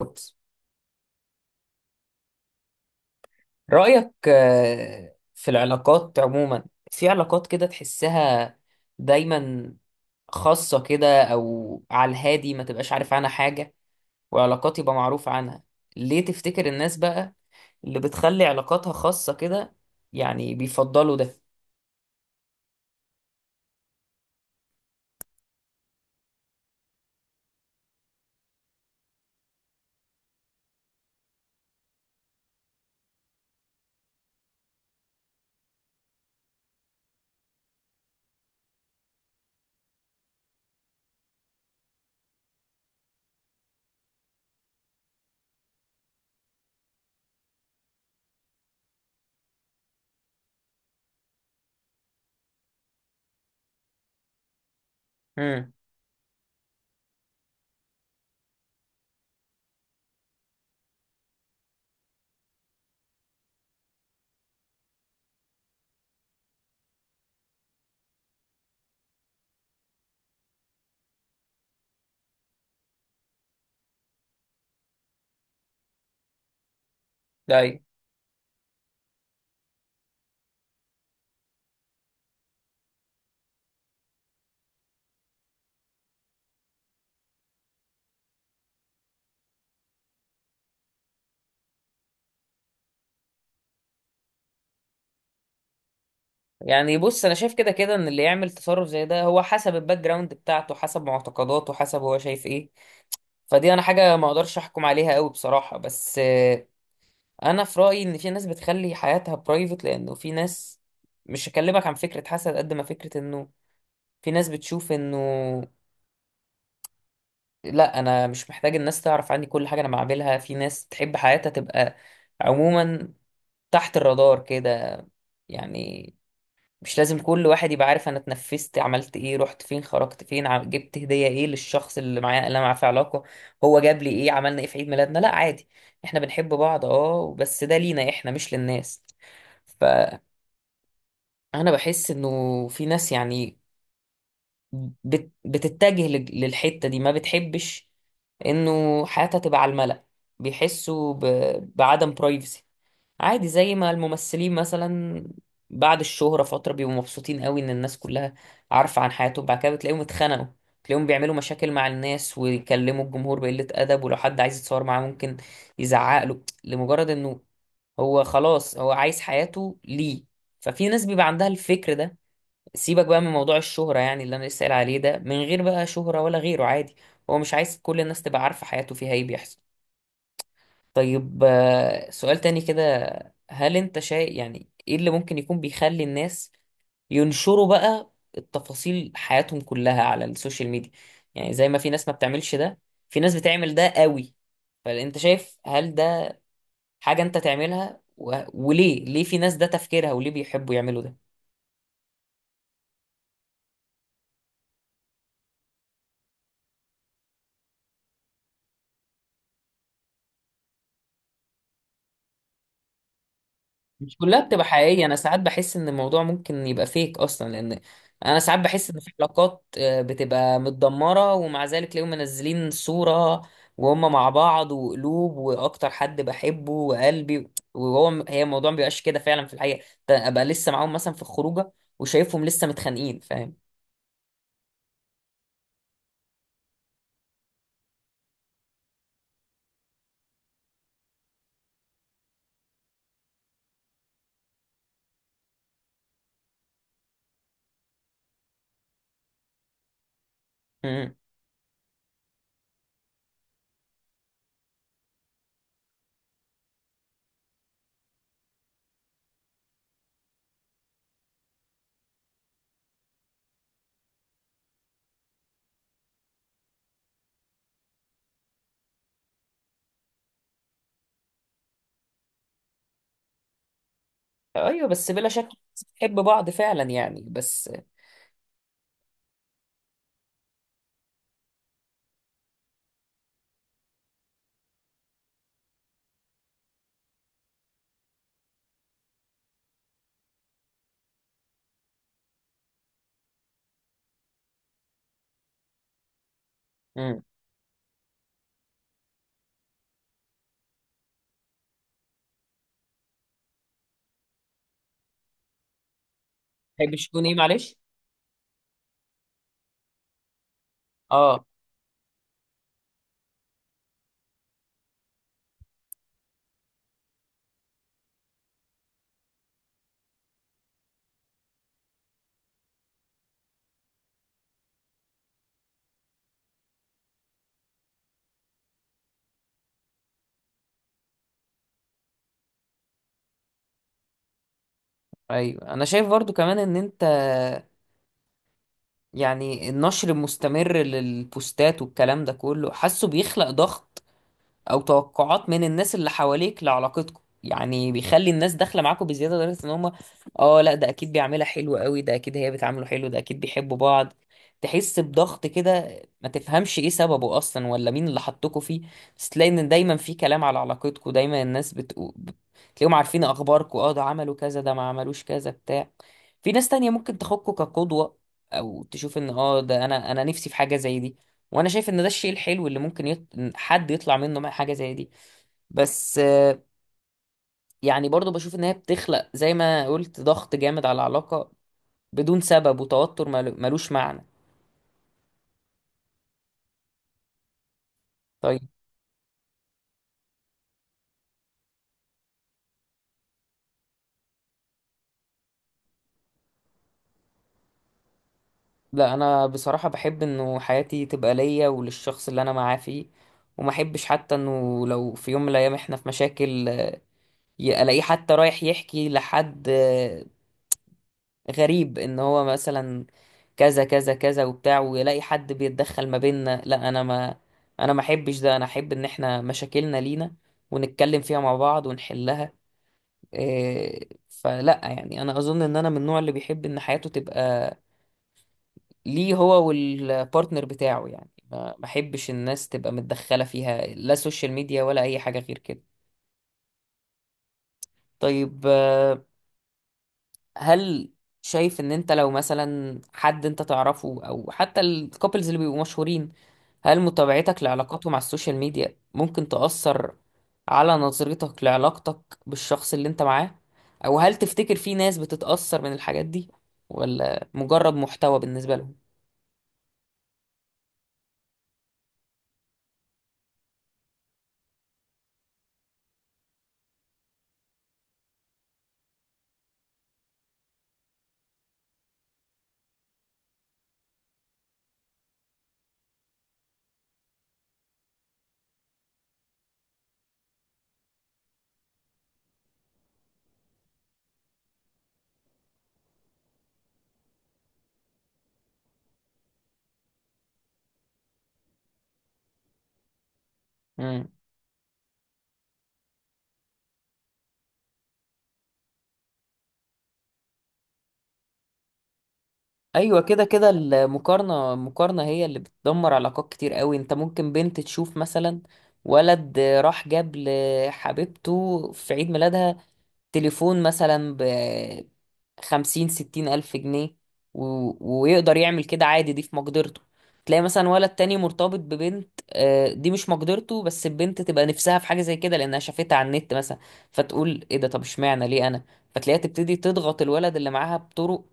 بالظبط. رأيك في العلاقات عموما، في علاقات كده تحسها دايما، خاصة كده أو على الهادي ما تبقاش عارف عنها حاجة، وعلاقات يبقى معروف عنها. ليه تفتكر الناس بقى اللي بتخلي علاقاتها خاصة كده يعني بيفضلوا ده؟ امم. ده أيوة. يعني بص، أنا شايف كده كده إن اللي يعمل تصرف زي ده هو حسب الباك جراوند بتاعته، حسب معتقداته، حسب هو شايف إيه. فدي أنا حاجة ما أقدرش أحكم عليها أوي بصراحة، بس انا في رايي ان في ناس بتخلي حياتها برايفت، لانه في ناس، مش هكلمك عن فكره حسد قد ما فكره انه في ناس بتشوف انه لا انا مش محتاج الناس تعرف عني كل حاجه انا بعملها. في ناس تحب حياتها تبقى عموما تحت الرادار كده يعني. مش لازم كل واحد يبقى عارف انا اتنفست، عملت ايه، رحت فين، خرجت فين، جبت هديه ايه للشخص اللي معايا اللي انا معاه في علاقه، هو جاب لي ايه، عملنا ايه في عيد ميلادنا. لا عادي، احنا بنحب بعض، اه بس ده لينا احنا، مش للناس. انا بحس انه في ناس يعني بتتجه للحتة دي، ما بتحبش انه حياتها تبقى على الملأ، بيحسوا بعدم برايفسي. عادي، زي ما الممثلين مثلا بعد الشهرة فترة بيبقوا مبسوطين قوي ان الناس كلها عارفة عن حياتهم، بعد كده بتلاقيهم اتخنقوا، تلاقيهم بيعملوا مشاكل مع الناس ويكلموا الجمهور بقلة أدب، ولو حد عايز يتصور معاه ممكن يزعق له لمجرد انه هو خلاص هو عايز حياته ليه. ففي ناس بيبقى عندها الفكر ده. سيبك بقى من موضوع الشهرة، يعني اللي أنا لسه قايل عليه ده من غير بقى شهرة ولا غيره، عادي هو مش عايز كل الناس تبقى عارفة حياته فيها إيه بيحصل. طيب سؤال تاني كده، هل أنت شايف يعني إيه اللي ممكن يكون بيخلي الناس ينشروا بقى التفاصيل حياتهم كلها على السوشيال ميديا؟ يعني زي ما في ناس ما بتعملش ده، في ناس بتعمل ده قوي. فأنت شايف هل ده حاجة أنت تعملها؟ وليه، ليه في ناس ده تفكيرها وليه بيحبوا يعملوا ده؟ مش كلها بتبقى حقيقية، أنا ساعات بحس إن الموضوع ممكن يبقى فيك أصلا، لأن أنا ساعات بحس إن في علاقات بتبقى متدمرة ومع ذلك تلاقيهم منزلين صورة وهم مع بعض وقلوب وأكتر حد بحبه وقلبي، وهو هي الموضوع مبيبقاش كده فعلا في الحقيقة. ده أبقى لسه معاهم مثلا في الخروجة وشايفهم لسه متخانقين، فاهم؟ مم. أيوه بس بلا شك بتحب بعض فعلا، يعني بس. مم. تحبش تكون إيه معلش؟ أه. أيوه أنا شايف برضو كمان إن أنت، يعني النشر المستمر للبوستات والكلام ده كله حاسه بيخلق ضغط او توقعات من الناس اللي حواليك لعلاقتكم، يعني بيخلي الناس داخله معاكم بزياده لدرجه ان هم، اه لا ده اكيد بيعملها حلو قوي، ده اكيد هي بتعامله حلو، ده اكيد بيحبوا بعض. تحس بضغط كده ما تفهمش ايه سببه اصلا ولا مين اللي حطكوا فيه، بس تلاقي ان دايما في كلام على علاقتكم، دايما الناس بتقول، تلاقيهم عارفين اخباركم، اه ده عملوا كذا، ده ما عملوش كذا بتاع. في ناس تانية ممكن تاخدكوا كقدوة، او تشوف ان اه ده انا نفسي في حاجة زي دي، وانا شايف ان ده الشيء الحلو اللي ممكن حد يطلع منه مع حاجه زي دي. بس يعني برضو بشوف ان هي بتخلق زي ما قلت ضغط جامد على العلاقه بدون سبب وتوتر ملوش معنى. طيب. لا انا بصراحه بحب انه حياتي تبقى ليا وللشخص اللي انا معاه فيه، وما احبش حتى انه لو في يوم من الايام احنا في مشاكل، الاقيه حتى رايح يحكي لحد غريب ان هو مثلا كذا كذا كذا وبتاع، ويلاقي حد بيتدخل ما بيننا. لا انا ما احبش ده، انا احب ان احنا مشاكلنا لينا ونتكلم فيها مع بعض ونحلها. إيه، فلا يعني انا اظن ان انا من النوع اللي بيحب ان حياته تبقى ليه هو والبارتنر بتاعه يعني، ما احبش الناس تبقى متدخلة فيها، لا سوشيال ميديا ولا اي حاجة غير كده. طيب هل شايف ان انت لو مثلا حد انت تعرفه او حتى الكوبلز اللي بيبقوا مشهورين، هل متابعتك لعلاقاتهم على السوشيال ميديا ممكن تأثر على نظرتك لعلاقتك بالشخص اللي انت معاه؟ او هل تفتكر في ناس بتتأثر من الحاجات دي ولا مجرد محتوى بالنسبة لهم؟ مم. ايوه، كده كده المقارنة هي اللي بتدمر علاقات كتير قوي. انت ممكن بنت تشوف مثلا ولد راح جاب لحبيبته في عيد ميلادها تليفون مثلا ب 50 60 ألف جنيه و... ويقدر يعمل كده عادي، دي في مقدرته. تلاقي مثلا ولد تاني مرتبط ببنت دي مش مقدرته، بس البنت تبقى نفسها في حاجة زي كده لأنها شافتها على النت مثلا، فتقول ايه ده، طب اشمعنى، ليه أنا؟ فتلاقيها تبتدي تضغط الولد اللي معاها بطرق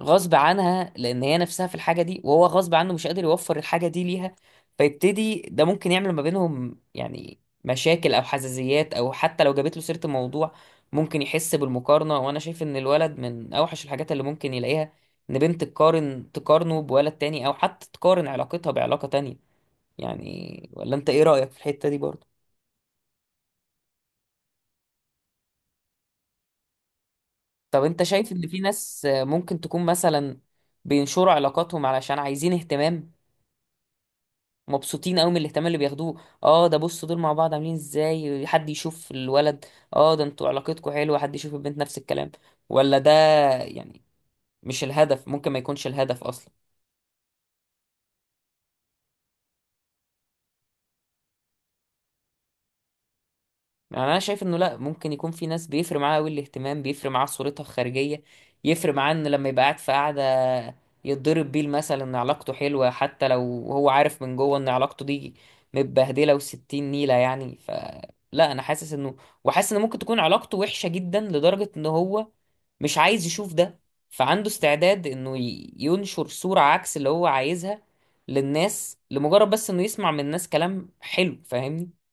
غصب عنها لان هي نفسها في الحاجه دي، وهو غصب عنه مش قادر يوفر الحاجه دي ليها. فيبتدي ده ممكن يعمل ما بينهم يعني مشاكل او حزازيات، او حتى لو جابت له سيره الموضوع ممكن يحس بالمقارنه. وانا شايف ان الولد من اوحش الحاجات اللي ممكن يلاقيها ان بنت تقارنه بولد تاني، او حتى تقارن علاقتها بعلاقه تانية. يعني ولا انت ايه رايك في الحته دي برضه؟ طب انت شايف ان في ناس ممكن تكون مثلا بينشروا علاقاتهم علشان عايزين اهتمام، مبسوطين قوي من الاهتمام اللي بياخدوه؟ اه ده بصوا دول مع بعض عاملين ازاي حد يشوف الولد، اه ده انتوا علاقتكم حلوه حد يشوف البنت نفس الكلام، ولا ده يعني مش الهدف ممكن ما يكونش الهدف اصلا؟ يعني انا شايف انه لا، ممكن يكون في ناس بيفرق معاها قوي الاهتمام، بيفرق معاها صورتها الخارجيه، يفرق معاه ان لما يبقى قاعد في قعده يتضرب بيه المثل ان علاقته حلوه حتى لو هو عارف من جوه ان علاقته دي متبهدله وستين نيله يعني لا انا حاسس انه، وحاسس ان ممكن تكون علاقته وحشه جدا لدرجه ان هو مش عايز يشوف ده، فعنده استعداد انه ينشر صوره عكس اللي هو عايزها للناس لمجرد بس انه يسمع من الناس كلام حلو، فاهمني؟